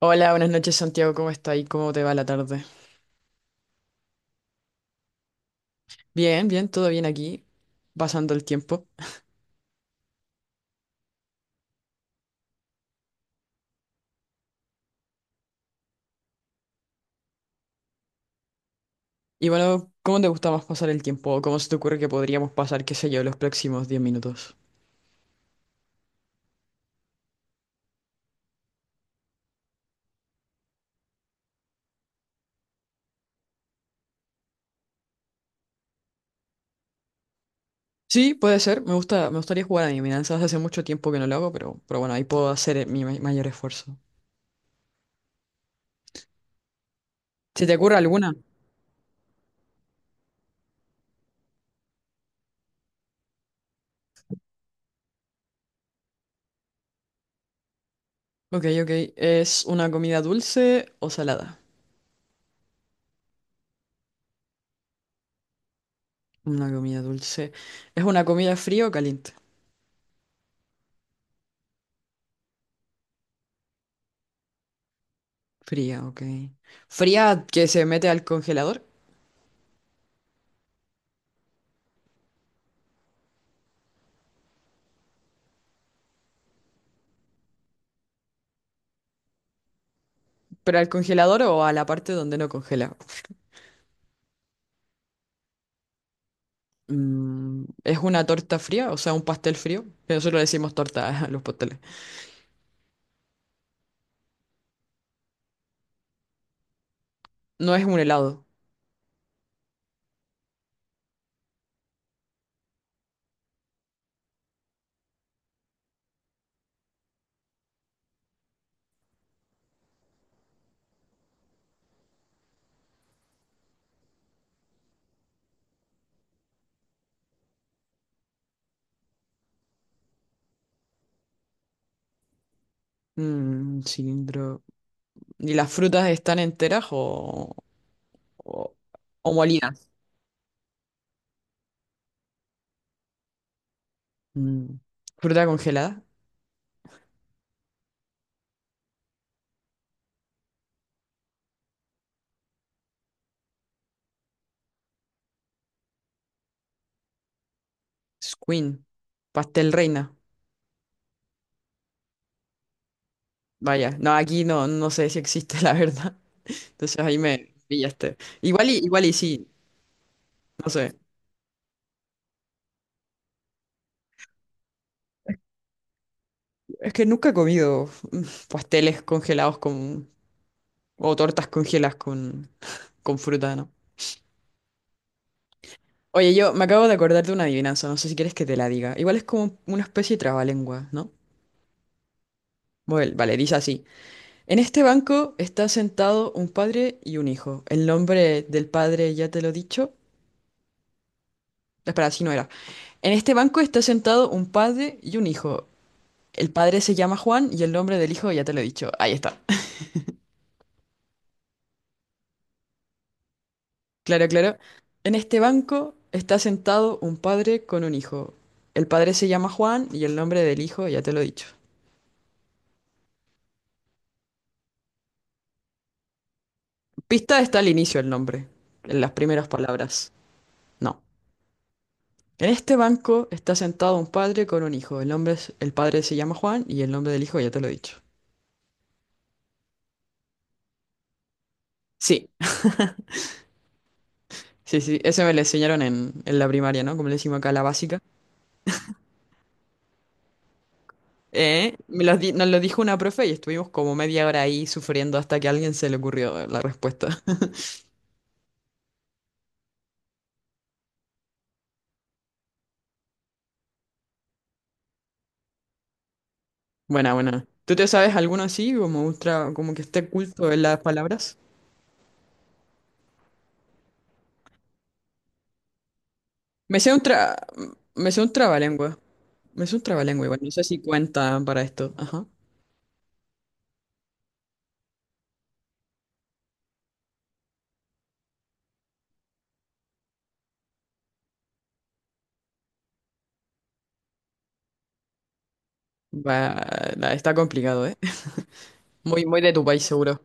Hola, buenas noches Santiago, ¿cómo está y cómo te va la tarde? Bien, bien, todo bien aquí, pasando el tiempo. Y bueno, ¿cómo te gusta más pasar el tiempo? ¿O cómo se te ocurre que podríamos pasar, qué sé yo, los próximos 10 minutos? Sí, puede ser, me gusta, me gustaría jugar a adivinanzas, hace mucho tiempo que no lo hago, pero bueno, ahí puedo hacer mayor esfuerzo. ¿Se te ocurre alguna? Ok, ok, ¿es una comida dulce o salada? Una comida dulce. ¿Es una comida fría o caliente? Fría, ok. ¿Fría que se mete al congelador? ¿Pero al congelador o a la parte donde no congela? Mm, es una torta fría, o sea, un pastel frío, que nosotros le decimos torta a los pasteles. No es un helado. Mm, cilindro. ¿Y las frutas están enteras o, o molidas? Mm, ¿fruta congelada? Squeen. Pastel reina. Vaya, no, aquí no, no sé si existe, la verdad. Entonces ahí me pillaste. Igual y, igual y sí, no sé. Es que nunca he comido mm, pasteles congelados con o tortas congeladas con fruta, ¿no? Oye, yo me acabo de acordar de una adivinanza, no sé si quieres que te la diga. Igual es como una especie de trabalengua, ¿no? Bueno, vale, dice así. En este banco está sentado un padre y un hijo. El nombre del padre ya te lo he dicho. Espera, así no era. En este banco está sentado un padre y un hijo. El padre se llama Juan y el nombre del hijo ya te lo he dicho. Ahí está. Claro, claro. En este banco está sentado un padre con un hijo. El padre se llama Juan y el nombre del hijo ya te lo he dicho. Pista, está al inicio el nombre, en las primeras palabras. No. En este banco está sentado un padre con un hijo. El padre se llama Juan y el nombre del hijo ya te lo he dicho. Sí, sí, sí. Eso me lo enseñaron en la primaria, ¿no? Como le decimos acá, la básica. Nos lo dijo una profe y estuvimos como media hora ahí sufriendo hasta que a alguien se le ocurrió la respuesta. Buena, buena. ¿Tú te sabes alguno así, como ultra, como que esté oculto en las palabras? Me sé un tra, me sé un trabalengua. Es un trabalengua igual, no sé si cuenta para esto. Ajá. Va, la- está complicado, ¿eh? Muy, muy de tu país, seguro.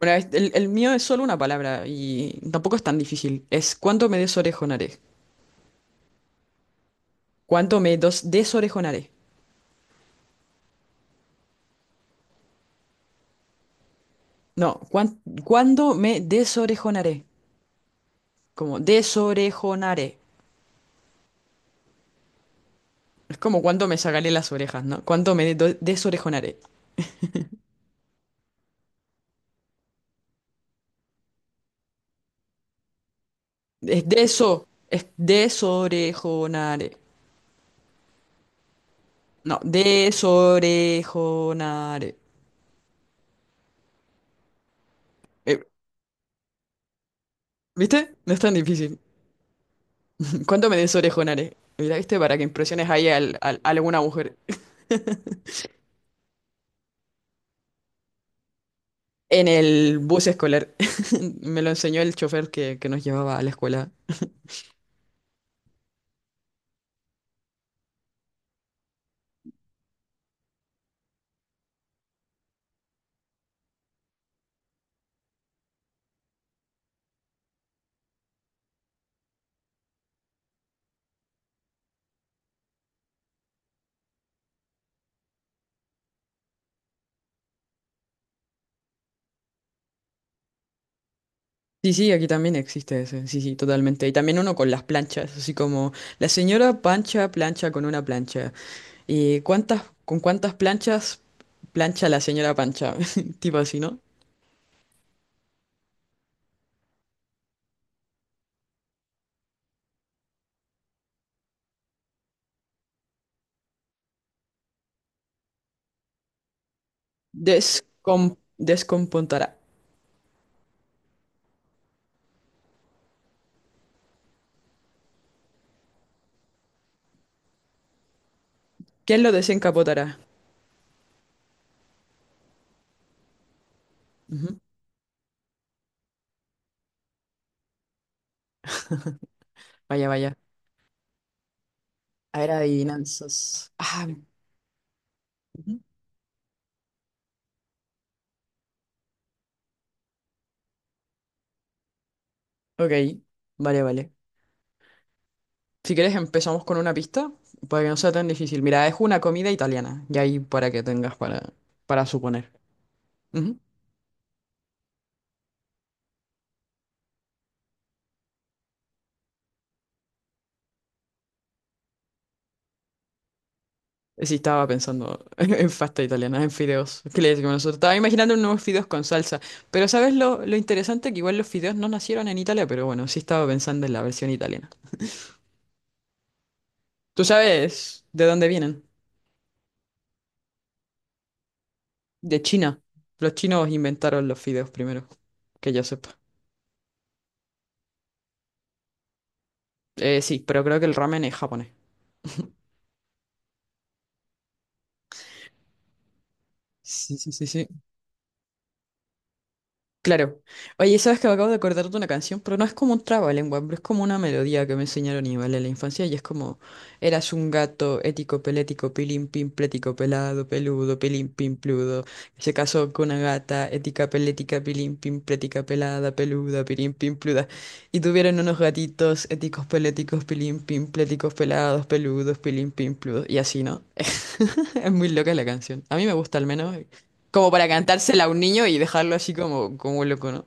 Bueno, es- el mío es solo una palabra y tampoco es tan difícil. Es ¿cuánto me desorejonaré? ¿Cuánto me dos desorejonaré? No, cuán- ¿cuándo me desorejonaré? Como desorejonaré. Es como cuando me sacaré las orejas, ¿no? ¿Cuánto me do- desorejonaré? Es desorejonaré. No, desorejonaré. ¿Viste? No es tan difícil. ¿Cuánto me des orejonares? Mira, ¿viste? Para que impresiones ahí a alguna mujer. En el bus escolar. Me lo enseñó el chofer que nos llevaba a la escuela. Sí, sí, aquí también existe ese. Sí, sí, totalmente. Y también uno con las planchas, así como la señora Pancha plancha con una plancha. ¿Y cuántas, con cuántas planchas plancha la señora Pancha? Tipo así, ¿no? Descom- descompontará. ¿Quién lo desencapotará? Ujú. Vaya, vaya. A ver, adivinanzas. Ah, ujú. Ok, vale, vale. Si quieres empezamos con una pista para que no sea tan difícil. Mira, es una comida italiana y ahí para que tengas para suponer. Ujú. Sí, estaba pensando en pasta italiana, en fideos. ¿Qué le decimos nosotros? Estaba imaginando unos fideos con salsa. Pero ¿sabes lo interesante? Que igual los fideos no nacieron en Italia, pero bueno, sí estaba pensando en la versión italiana. ¿Tú sabes de dónde vienen? De China. Los chinos inventaron los fideos primero, que yo sepa. Sí, pero creo que el ramen es japonés. Sí, sí, sí, sí. Claro. Oye, sabes que me acabo de acordar de una canción, pero no es como un trabalengua, pero es como una melodía que me enseñaron igual en la infancia y es como eras un gato ético, pelético, pilín, pin, plético, pelado, peludo, pilín, pin, pludo. Se casó con una gata ética, pelética, pilín, pin, plética, pelada, peluda, pilín, pin, pluda. Y tuvieron unos gatitos éticos, peléticos, pilín, pin, pléticos, pelados, peludos, pilín, pin, pludo. Y así, ¿no? Es muy loca la canción. A mí me gusta al menos. Como para cantársela a un niño y dejarlo así como, como loco, ¿no?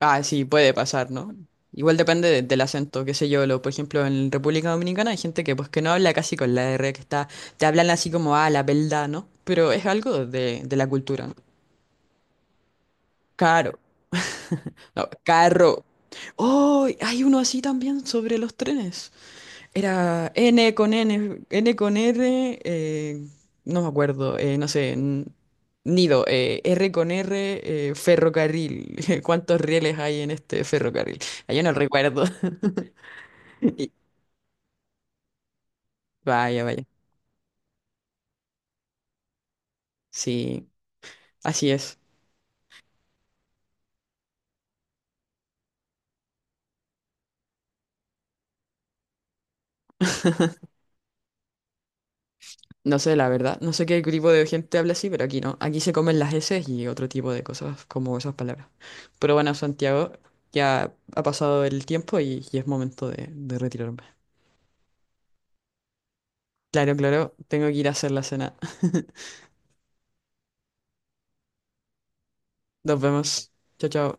Ah, sí, puede pasar, ¿no? Igual depende de- del acento, qué sé yo, lo, por ejemplo, en República Dominicana hay gente que pues que no habla casi con la R, que está, te hablan así como, ah, la verdad, ¿no? Pero es algo de la cultura, ¿no? Caro, no, carro. Oh, hay uno así también sobre los trenes. Era N con N, N con R, no me acuerdo, no sé, n- nido, R con R, ferrocarril. ¿Cuántos rieles hay en este ferrocarril? Ah, yo no recuerdo. Vaya, vaya. Sí, así es. No sé, la verdad. No sé qué tipo de gente habla así, pero aquí no. Aquí se comen las heces y otro tipo de cosas como esas palabras. Pero bueno, Santiago, ya ha pasado el tiempo y es momento de retirarme. Claro, claro, tengo que ir a hacer la cena. Nos vemos. Chao, chao.